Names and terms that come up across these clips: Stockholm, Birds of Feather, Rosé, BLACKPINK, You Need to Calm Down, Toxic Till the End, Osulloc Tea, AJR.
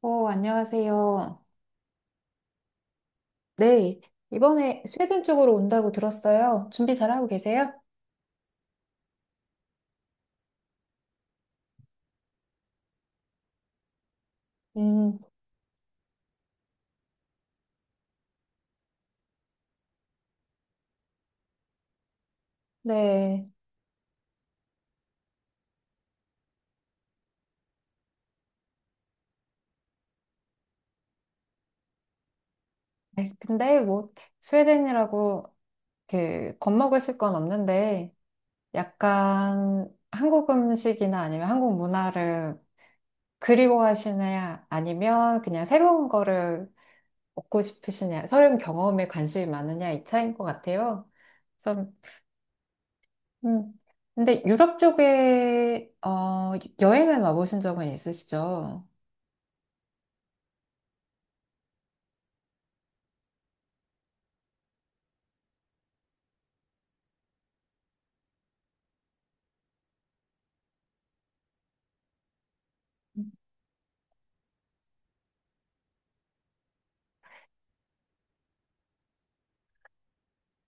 어, 안녕하세요. 네, 이번에 스웨덴 쪽으로 온다고 들었어요. 준비 잘하고 계세요? 음, 네. 아이, 근데 뭐, 스웨덴이라고 그 겁먹으실 건 없는데, 약간 한국 음식이나 아니면 한국 문화를 그리워하시냐, 아니면 그냥 새로운 거를 먹고 싶으시냐, 새로운 경험에 관심이 많으냐, 이 차이인 것 같아요. 그래서 음. 근데 유럽 쪽에 여행을 와보신 적은 있으시죠?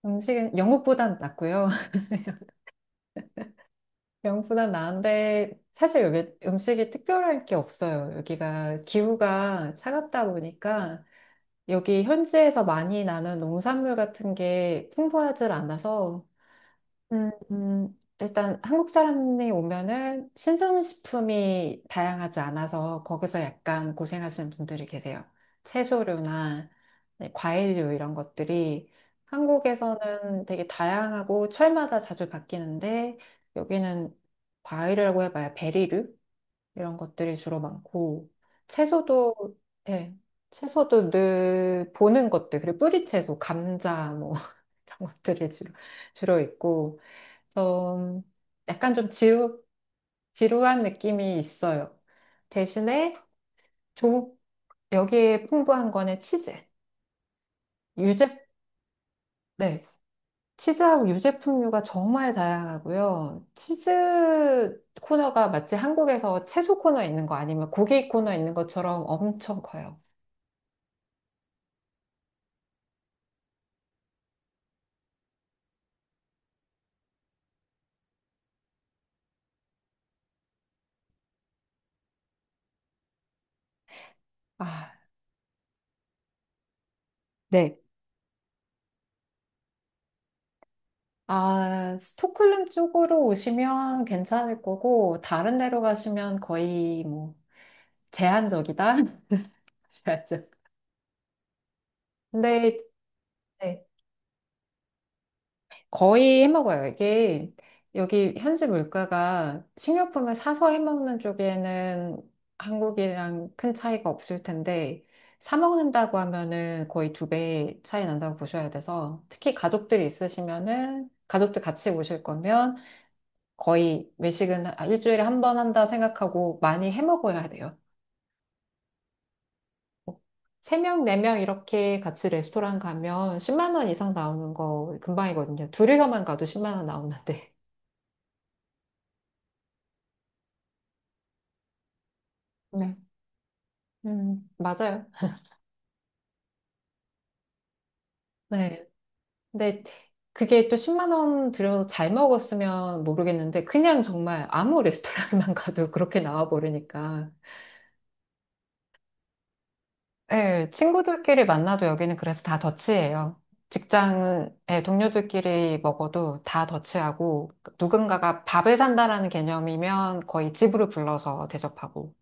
음식은 영국보단 낫고요. 영국보단 나은데 사실 여기 음식이 특별할 게 없어요. 여기가 기후가 차갑다 보니까 여기 현지에서 많이 나는 농산물 같은 게 풍부하지 않아서 일단 한국 사람이 오면은 신선식품이 다양하지 않아서 거기서 약간 고생하시는 분들이 계세요. 채소류나 네, 과일류 이런 것들이 한국에서는 되게 다양하고 철마다 자주 바뀌는데 여기는 과일이라고 해봐야 베리류 이런 것들이 주로 많고 채소도 예, 채소도 늘 보는 것들 그리고 뿌리채소 감자 뭐 이런 것들이 주로 주로 있고 좀 약간 좀 지루한 느낌이 있어요. 대신에 조, 여기에 풍부한 거는 치즈. 유제, 네. 치즈하고 유제품류가 정말 다양하고요. 치즈 코너가 마치 한국에서 채소 코너 있는 거 아니면 고기 코너 있는 것처럼 엄청 커요. 아, 네. 아, 스톡홀름 쪽으로 오시면 괜찮을 거고, 다른 데로 가시면 거의 뭐 제한적이다? 하셔야죠. 근데 네. 거의 해먹어요. 이게 여기 현지 물가가 식료품을 사서 해먹는 쪽에는 한국이랑 큰 차이가 없을 텐데 사 먹는다고 하면은 거의 두 배 차이 난다고 보셔야 돼서 특히 가족들이 있으시면은 가족들 같이 오실 거면 거의 외식은 아, 일주일에 한 번 한다 생각하고 많이 해먹어야 돼요. 세 명, 네 명 이렇게 같이 레스토랑 가면 10만 원 이상 나오는 거 금방이거든요. 둘이서만 가도 10만 원 나오는데. 네. 맞아요. 네. 근데 그게 또 10만 원 들여서 잘 먹었으면 모르겠는데 그냥 정말 아무 레스토랑만 가도 그렇게 나와 버리니까. 예, 친구들끼리 만나도 여기는 그래서 다 더치예요. 직장은 예, 동료들끼리 먹어도 다 더치하고 누군가가 밥을 산다라는 개념이면 거의 집으로 불러서 대접하고.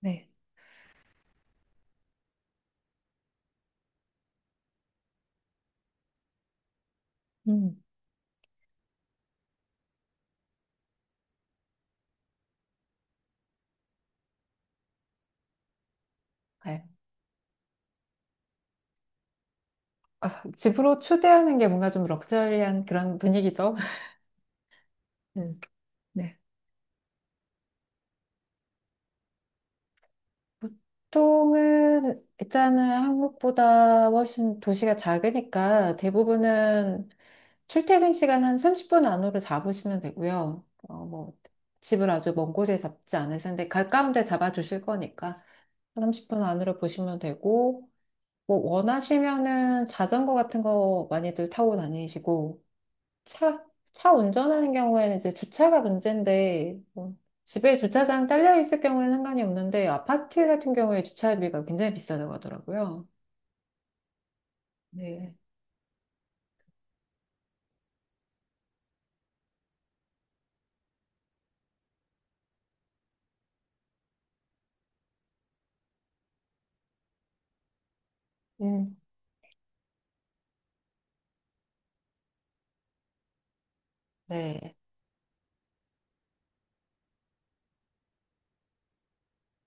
네. 음. 예. 아, 집으로 초대하는 게 뭔가 좀 럭셔리한 그런 분위기죠. 음, 네. 보통은 일단은 한국보다 훨씬 도시가 작으니까 대부분은 출퇴근 시간 한 30분 안으로 잡으시면 되고요. 뭐 집을 아주 먼 곳에 잡지 않으실 텐데 가까운 데 잡아주실 거니까 30분 안으로 보시면 되고 뭐 원하시면은 자전거 같은 거 많이들 타고 다니시고 차, 차 운전하는 경우에는 이제 주차가 문제인데, 뭐 집에 주차장 딸려 있을 경우에는 상관이 없는데, 아파트 같은 경우에 주차비가 굉장히 비싸다고 하더라고요. 네. 음. 네.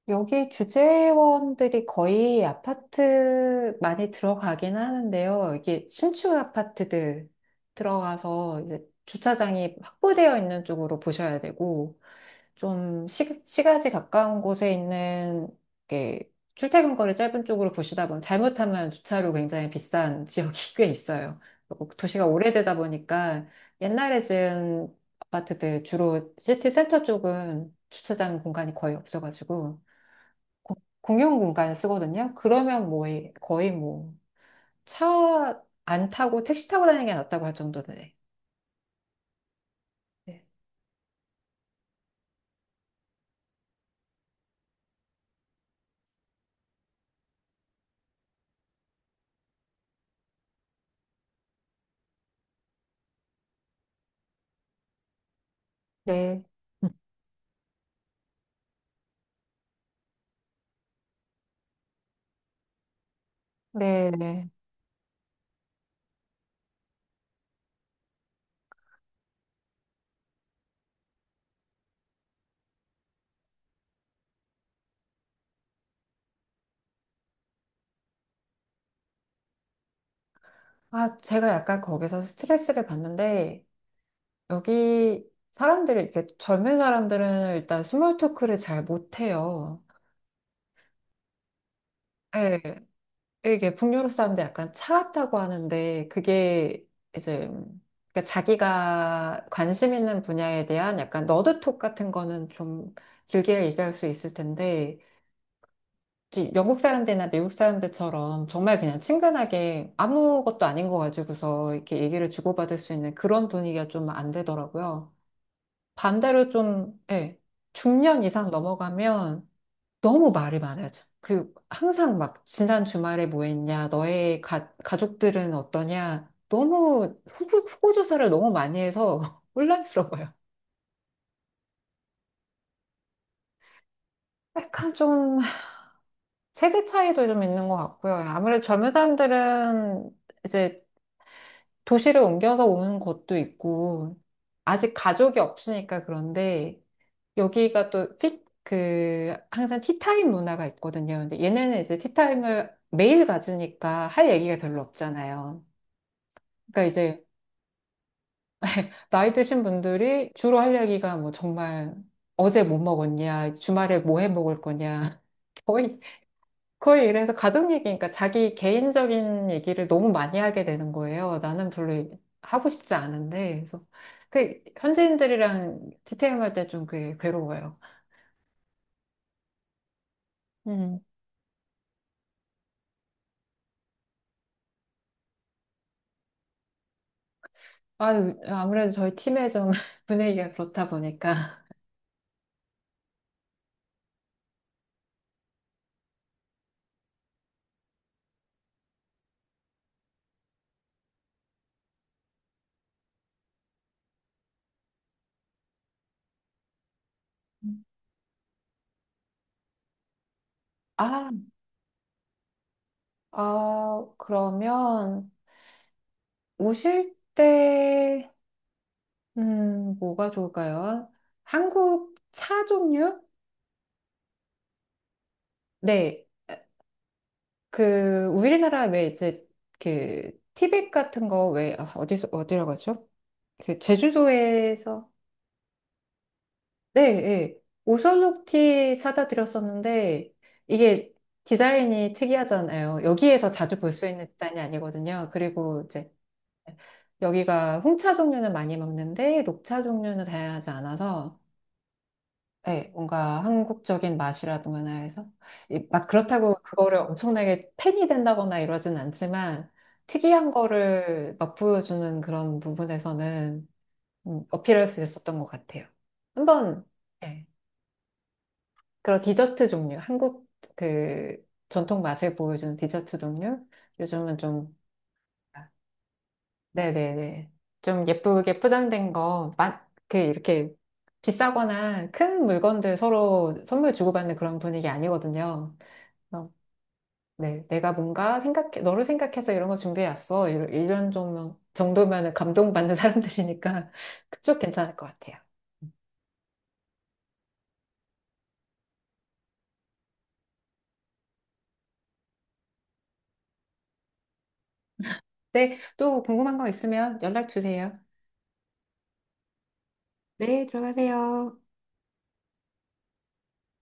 여기 주재원들이 거의 아파트 많이 들어가긴 하는데요. 이게 신축 아파트들 들어가서 이제 주차장이 확보되어 있는 쪽으로 보셔야 되고, 좀 시가지 가까운 곳에 있는 게 출퇴근 거리 짧은 쪽으로 보시다 보면 잘못하면 주차료 굉장히 비싼 지역이 꽤 있어요. 그리고 도시가 오래되다 보니까 옛날에 지은 아파트들 주로 시티 센터 쪽은 주차장 공간이 거의 없어가지고 고- 공용 공간을 쓰거든요. 그러면 뭐 거의 뭐 차 안 타고 택시 타고 다니는 게 낫다고 할 정도네. 네. 네. 네. 네. 아, 제가 약간 거기서 스트레스를 받는데, 여기 사람들이, 이렇게 젊은 사람들은 일단 스몰 토크를 잘 못해요. 예, 이게 북유럽 사람들 약간 차갑다고 하는데, 그게 이제, 그러니까 자기가 관심 있는 분야에 대한 약간 너드톡 같은 거는 좀 길게 얘기할 수 있을 텐데, 이제 영국 사람들이나 미국 사람들처럼 정말 그냥 친근하게 아무것도 아닌 거 가지고서 이렇게 얘기를 주고받을 수 있는 그런 분위기가 좀 안 되더라고요. 반대로 좀, 예, 중년 이상 넘어가면 너무 말이 많아져. 그 항상 막 지난 주말에 뭐 했냐, 너의 가족들은 어떠냐, 너무 후보 조사를 너무 많이 해서 혼란스러워요. 약간 좀 세대 차이도 좀 있는 것 같고요. 아무래도 젊은 사람들은 이제 도시를 옮겨서 오는 것도 있고, 아직 가족이 없으니까 그런데 여기가 또 그 항상 티타임 문화가 있거든요. 근데 얘네는 이제 티타임을 매일 가지니까 할 얘기가 별로 없잖아요. 그러니까 이제 나이 드신 분들이 주로 할 얘기가 뭐 정말 어제 뭐 먹었냐, 주말에 뭐 해 먹을 거냐. 거의, 거의 이래서 가족 얘기니까 자기 개인적인 얘기를 너무 많이 하게 되는 거예요. 나는 별로 하고 싶지 않은데. 그래서 그 현지인들이랑 티타임 할 때 좀 그게 괴로워요. 음. 아유, 아무래도 저희 팀의 좀 분위기가 그렇다 보니까. 아, 아, 그러면 오실 때, 뭐가 좋을까요? 한국 차 종류? 네, 그, 우리나라 왜 이제 그, 티백 같은 거 왜, 아, 어디서, 어디라고 하죠? 그, 제주도에서 네, 예. 오셜록티 사다 드렸었는데, 이게 디자인이 특이하잖아요. 여기에서 자주 볼 수 있는 디자인이 아니거든요. 그리고 이제 여기가 홍차 종류는 많이 먹는데, 녹차 종류는 다양하지 않아서, 예, 뭔가 한국적인 맛이라든가 해서, 막 그렇다고 그거를 엄청나게 팬이 된다거나 이러진 않지만, 특이한 거를 막 보여주는 그런 부분에서는 어필할 수 있었던 것 같아요. 한번, 예. 그런 디저트 종류, 한국 그 전통 맛을 보여주는 디저트 종류? 요즘은 좀, 네네네. 좀 예쁘게 포장된 거, 그 이렇게 비싸거나 큰 물건들 서로 선물 주고받는 그런 분위기 아니거든요. 그래서 네, 내가 뭔가 생각해, 너를 생각해서 이런 거 준비해왔어. 이런 이런 정도면은 감동받는 사람들이니까 그쪽 괜찮을 것 같아요. 네, 또 궁금한 거 있으면 연락 주세요. 네, 들어가세요.